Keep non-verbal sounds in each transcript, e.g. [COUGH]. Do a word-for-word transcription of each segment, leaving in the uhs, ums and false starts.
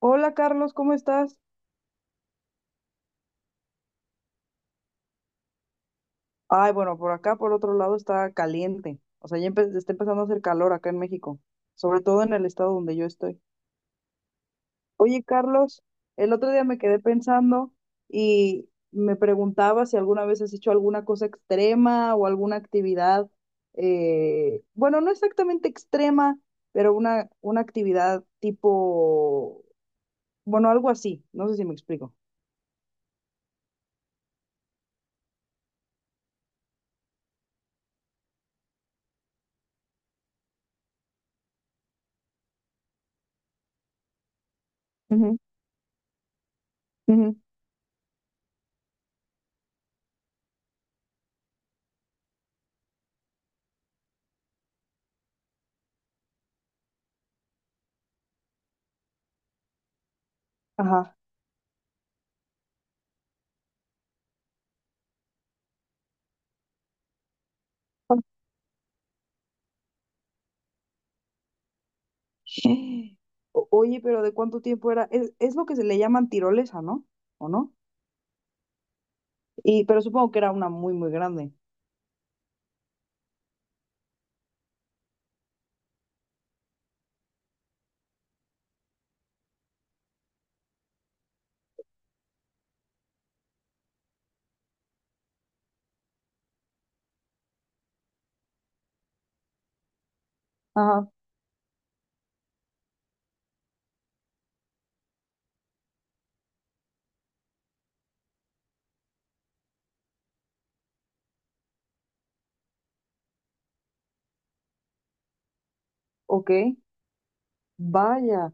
Hola Carlos, ¿cómo estás? Ay, bueno, por acá, por otro lado, está caliente. O sea, ya empe- está empezando a hacer calor acá en México, sobre todo en el estado donde yo estoy. Oye, Carlos, el otro día me quedé pensando y me preguntaba si alguna vez has hecho alguna cosa extrema o alguna actividad, eh, bueno, no exactamente extrema, pero una, una actividad tipo, bueno, algo así, no sé si me explico. Ujú, ujú. Ajá. [LAUGHS] O- Oye, pero ¿de cuánto tiempo era? Es, es lo que se le llaman tirolesa, ¿no? ¿O no? Y, pero supongo que era una muy, muy grande. Ajá, ok. Vaya.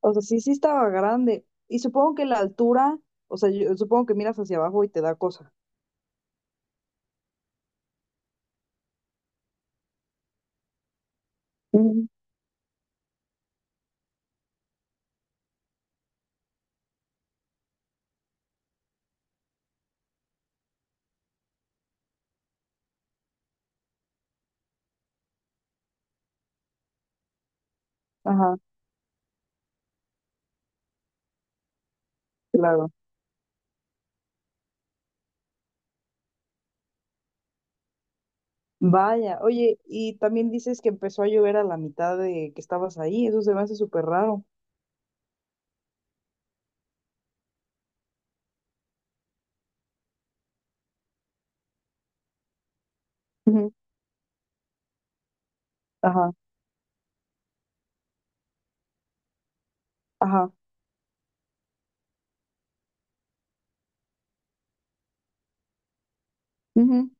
O sea, sí, sí estaba grande. Y supongo que la altura, o sea, yo supongo que miras hacia abajo y te da cosa. Ujú. Ajá, claro. Vaya. Oye, y también dices que empezó a llover a la mitad de que estabas ahí. Eso se me hace súper raro. Ujú. Ajá, ajá. Ujú.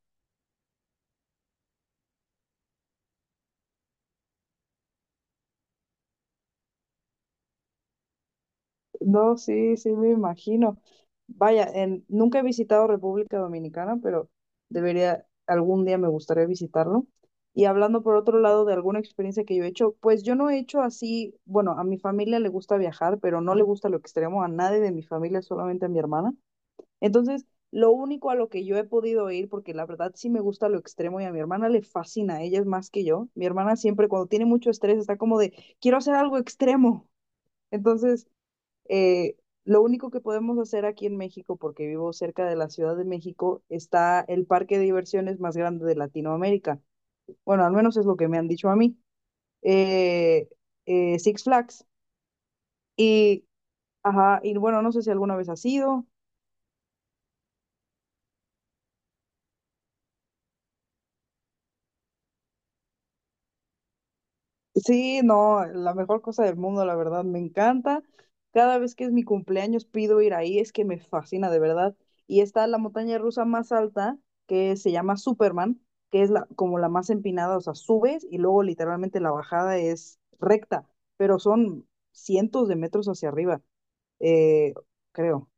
No, sí, sí, me imagino. Vaya, en, nunca he visitado República Dominicana, pero debería, algún día me gustaría visitarlo. Y hablando por otro lado de alguna experiencia que yo he hecho, pues yo no he hecho así, bueno, a mi familia le gusta viajar, pero no le gusta lo extremo a nadie de mi familia, solamente a mi hermana. Entonces, lo único a lo que yo he podido ir, porque la verdad sí me gusta lo extremo y a mi hermana le fascina, ella es más que yo. Mi hermana siempre cuando tiene mucho estrés está como de, quiero hacer algo extremo. Entonces, Eh, lo único que podemos hacer aquí en México, porque vivo cerca de la Ciudad de México, está el parque de diversiones más grande de Latinoamérica. Bueno, al menos es lo que me han dicho a mí. Eh, eh, Six Flags. Y, ajá, y bueno, no sé si alguna vez has ido. Sí, no, la mejor cosa del mundo, la verdad, me encanta. Cada vez que es mi cumpleaños pido ir ahí, es que me fascina de verdad. Y está la montaña rusa más alta, que se llama Superman, que es la, como la más empinada, o sea, subes y luego literalmente la bajada es recta, pero son cientos de metros hacia arriba, eh, creo.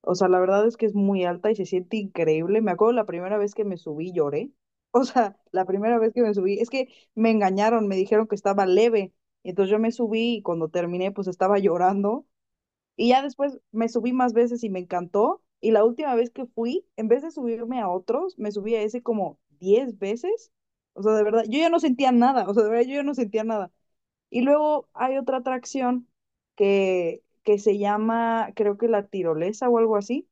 O sea, la verdad es que es muy alta y se siente increíble. Me acuerdo la primera vez que me subí lloré. [LAUGHS] O sea, la primera vez que me subí, es que me engañaron, me dijeron que estaba leve. Y entonces yo me subí y cuando terminé pues estaba llorando. Y ya después me subí más veces y me encantó. Y la última vez que fui, en vez de subirme a otros, me subí a ese como diez veces. O sea, de verdad, yo ya no sentía nada. O sea, de verdad, yo ya no sentía nada. Y luego hay otra atracción que, que se llama, creo que la tirolesa o algo así,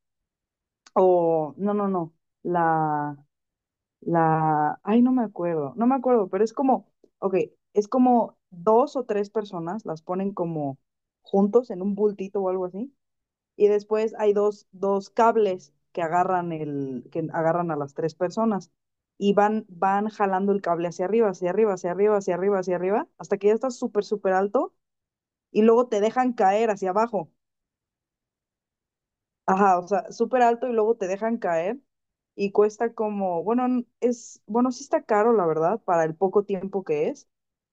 o, no, no, no, la, la, ay, no me acuerdo, no me acuerdo, pero es como, ok, es como dos o tres personas, las ponen como juntos en un bultito o algo así, y después hay dos, dos cables que agarran el, que agarran a las tres personas y van, van jalando el cable hacia arriba, hacia arriba, hacia arriba, hacia arriba, hacia arriba, hasta que ya estás súper, súper alto y luego te dejan caer hacia abajo. Ajá, o sea, súper alto y luego te dejan caer y cuesta como, bueno, n- es, bueno, sí está caro, la verdad, para el poco tiempo que es,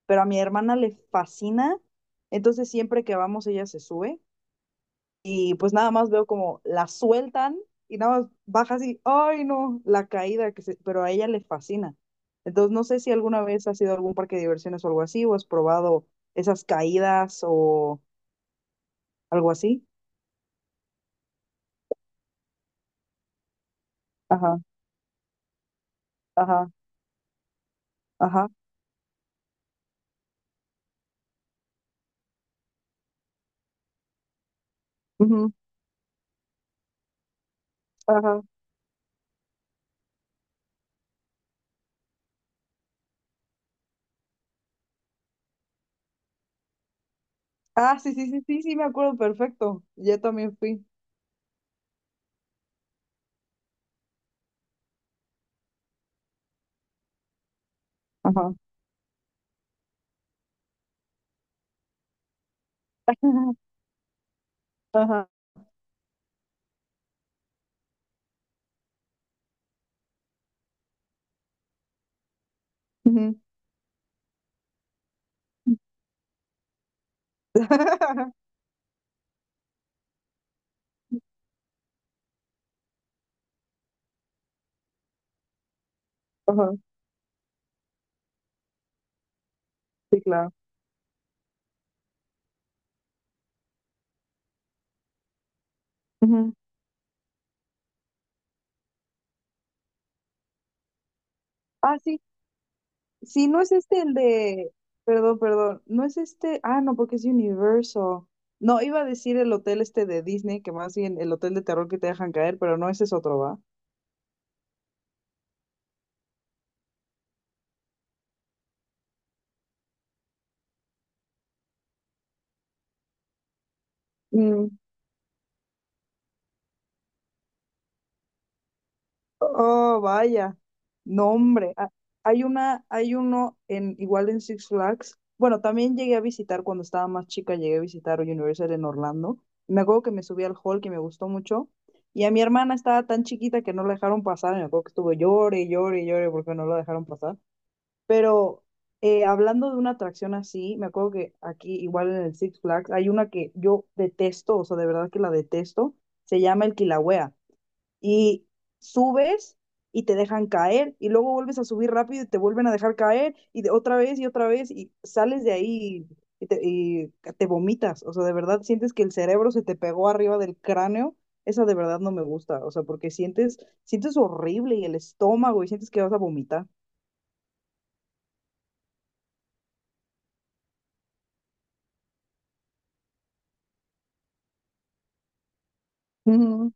pero a mi hermana le fascina, entonces siempre que vamos ella se sube y pues nada más veo como la sueltan y nada más baja así, ay no, la caída que se, pero a ella le fascina. Entonces no sé si alguna vez has ido a algún parque de diversiones o algo así, o has probado esas caídas o algo así. Ajá, ajá, ajá, ujú, ajá. Ah, sí, sí, sí, sí, sí, me acuerdo perfecto. Yo también fui. Ajá. [LAUGHS] Ajá. Ujú. [LAUGHS] Ajá. Sí, claro. Ujú. Ah, sí. Sí, no es este el de. Perdón, perdón. No es este. Ah, no, porque es Universal. No, iba a decir el hotel este de Disney, que más bien el hotel de terror que te dejan caer, pero no, ese es otro, ¿va? Mm. Oh, vaya. No, hombre. Ah, Hay una, hay uno en, igual en Six Flags. Bueno, también llegué a visitar cuando estaba más chica, llegué a visitar Universal en Orlando. Me acuerdo que me subí al hall que me gustó mucho. Y a mi hermana estaba tan chiquita que no la dejaron pasar. Me acuerdo que estuvo llore, llore, llore porque no la dejaron pasar. Pero eh, hablando de una atracción así, me acuerdo que aquí, igual en el Six Flags, hay una que yo detesto, o sea, de verdad que la detesto. Se llama el Kilauea y subes y te dejan caer y luego vuelves a subir rápido y te vuelven a dejar caer y de otra vez y otra vez y sales de ahí y te, y te vomitas, o sea, de verdad sientes que el cerebro se te pegó arriba del cráneo, esa de verdad no me gusta, o sea, porque sientes, sientes horrible y el estómago y sientes que vas a vomitar. Ujú.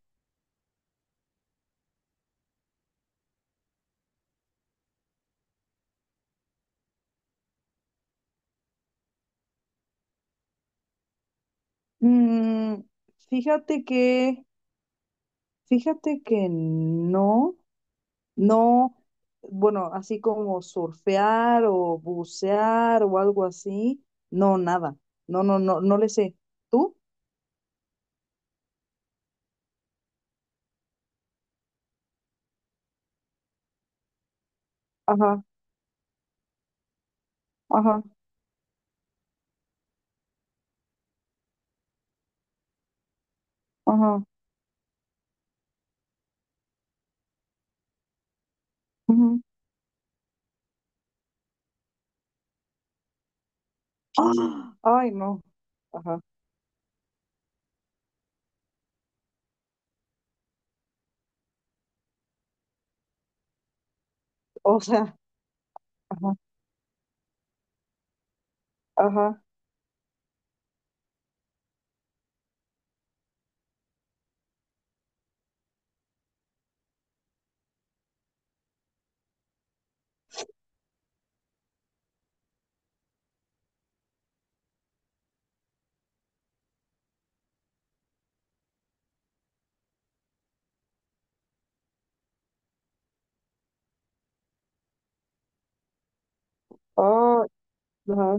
Mm, fíjate que, fíjate que no. No, bueno, así como surfear o bucear o algo así, no, nada. No, no, no, no le sé. ¿Tú? Ajá, ajá, ajá. Ujú. ¡Ah! Ay, no. Ajá. O sea, ajá, ajá. Ah, ajá.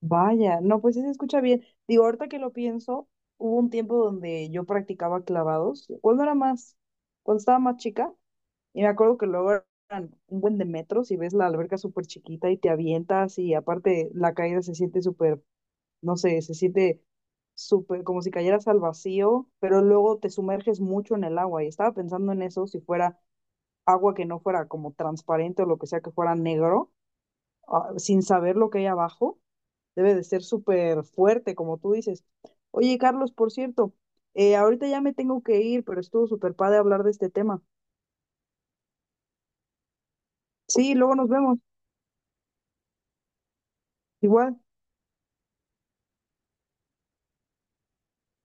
Vaya, no, pues sí se escucha bien. Digo, ahorita que lo pienso, hubo un tiempo donde yo practicaba clavados. Cuando era más? Cuando estaba más chica. Y me acuerdo que luego eran un buen de metros y ves la alberca súper chiquita y te avientas y aparte la caída se siente súper, no sé, se siente súper como si cayeras al vacío, pero luego te sumerges mucho en el agua y estaba pensando en eso, si fuera agua que no fuera como transparente o lo que sea que fuera negro, ah, sin saber lo que hay abajo, debe de ser súper fuerte, como tú dices. Oye, Carlos, por cierto, eh, ahorita ya me tengo que ir, pero estuvo súper padre hablar de este tema. Sí, luego nos vemos. Igual.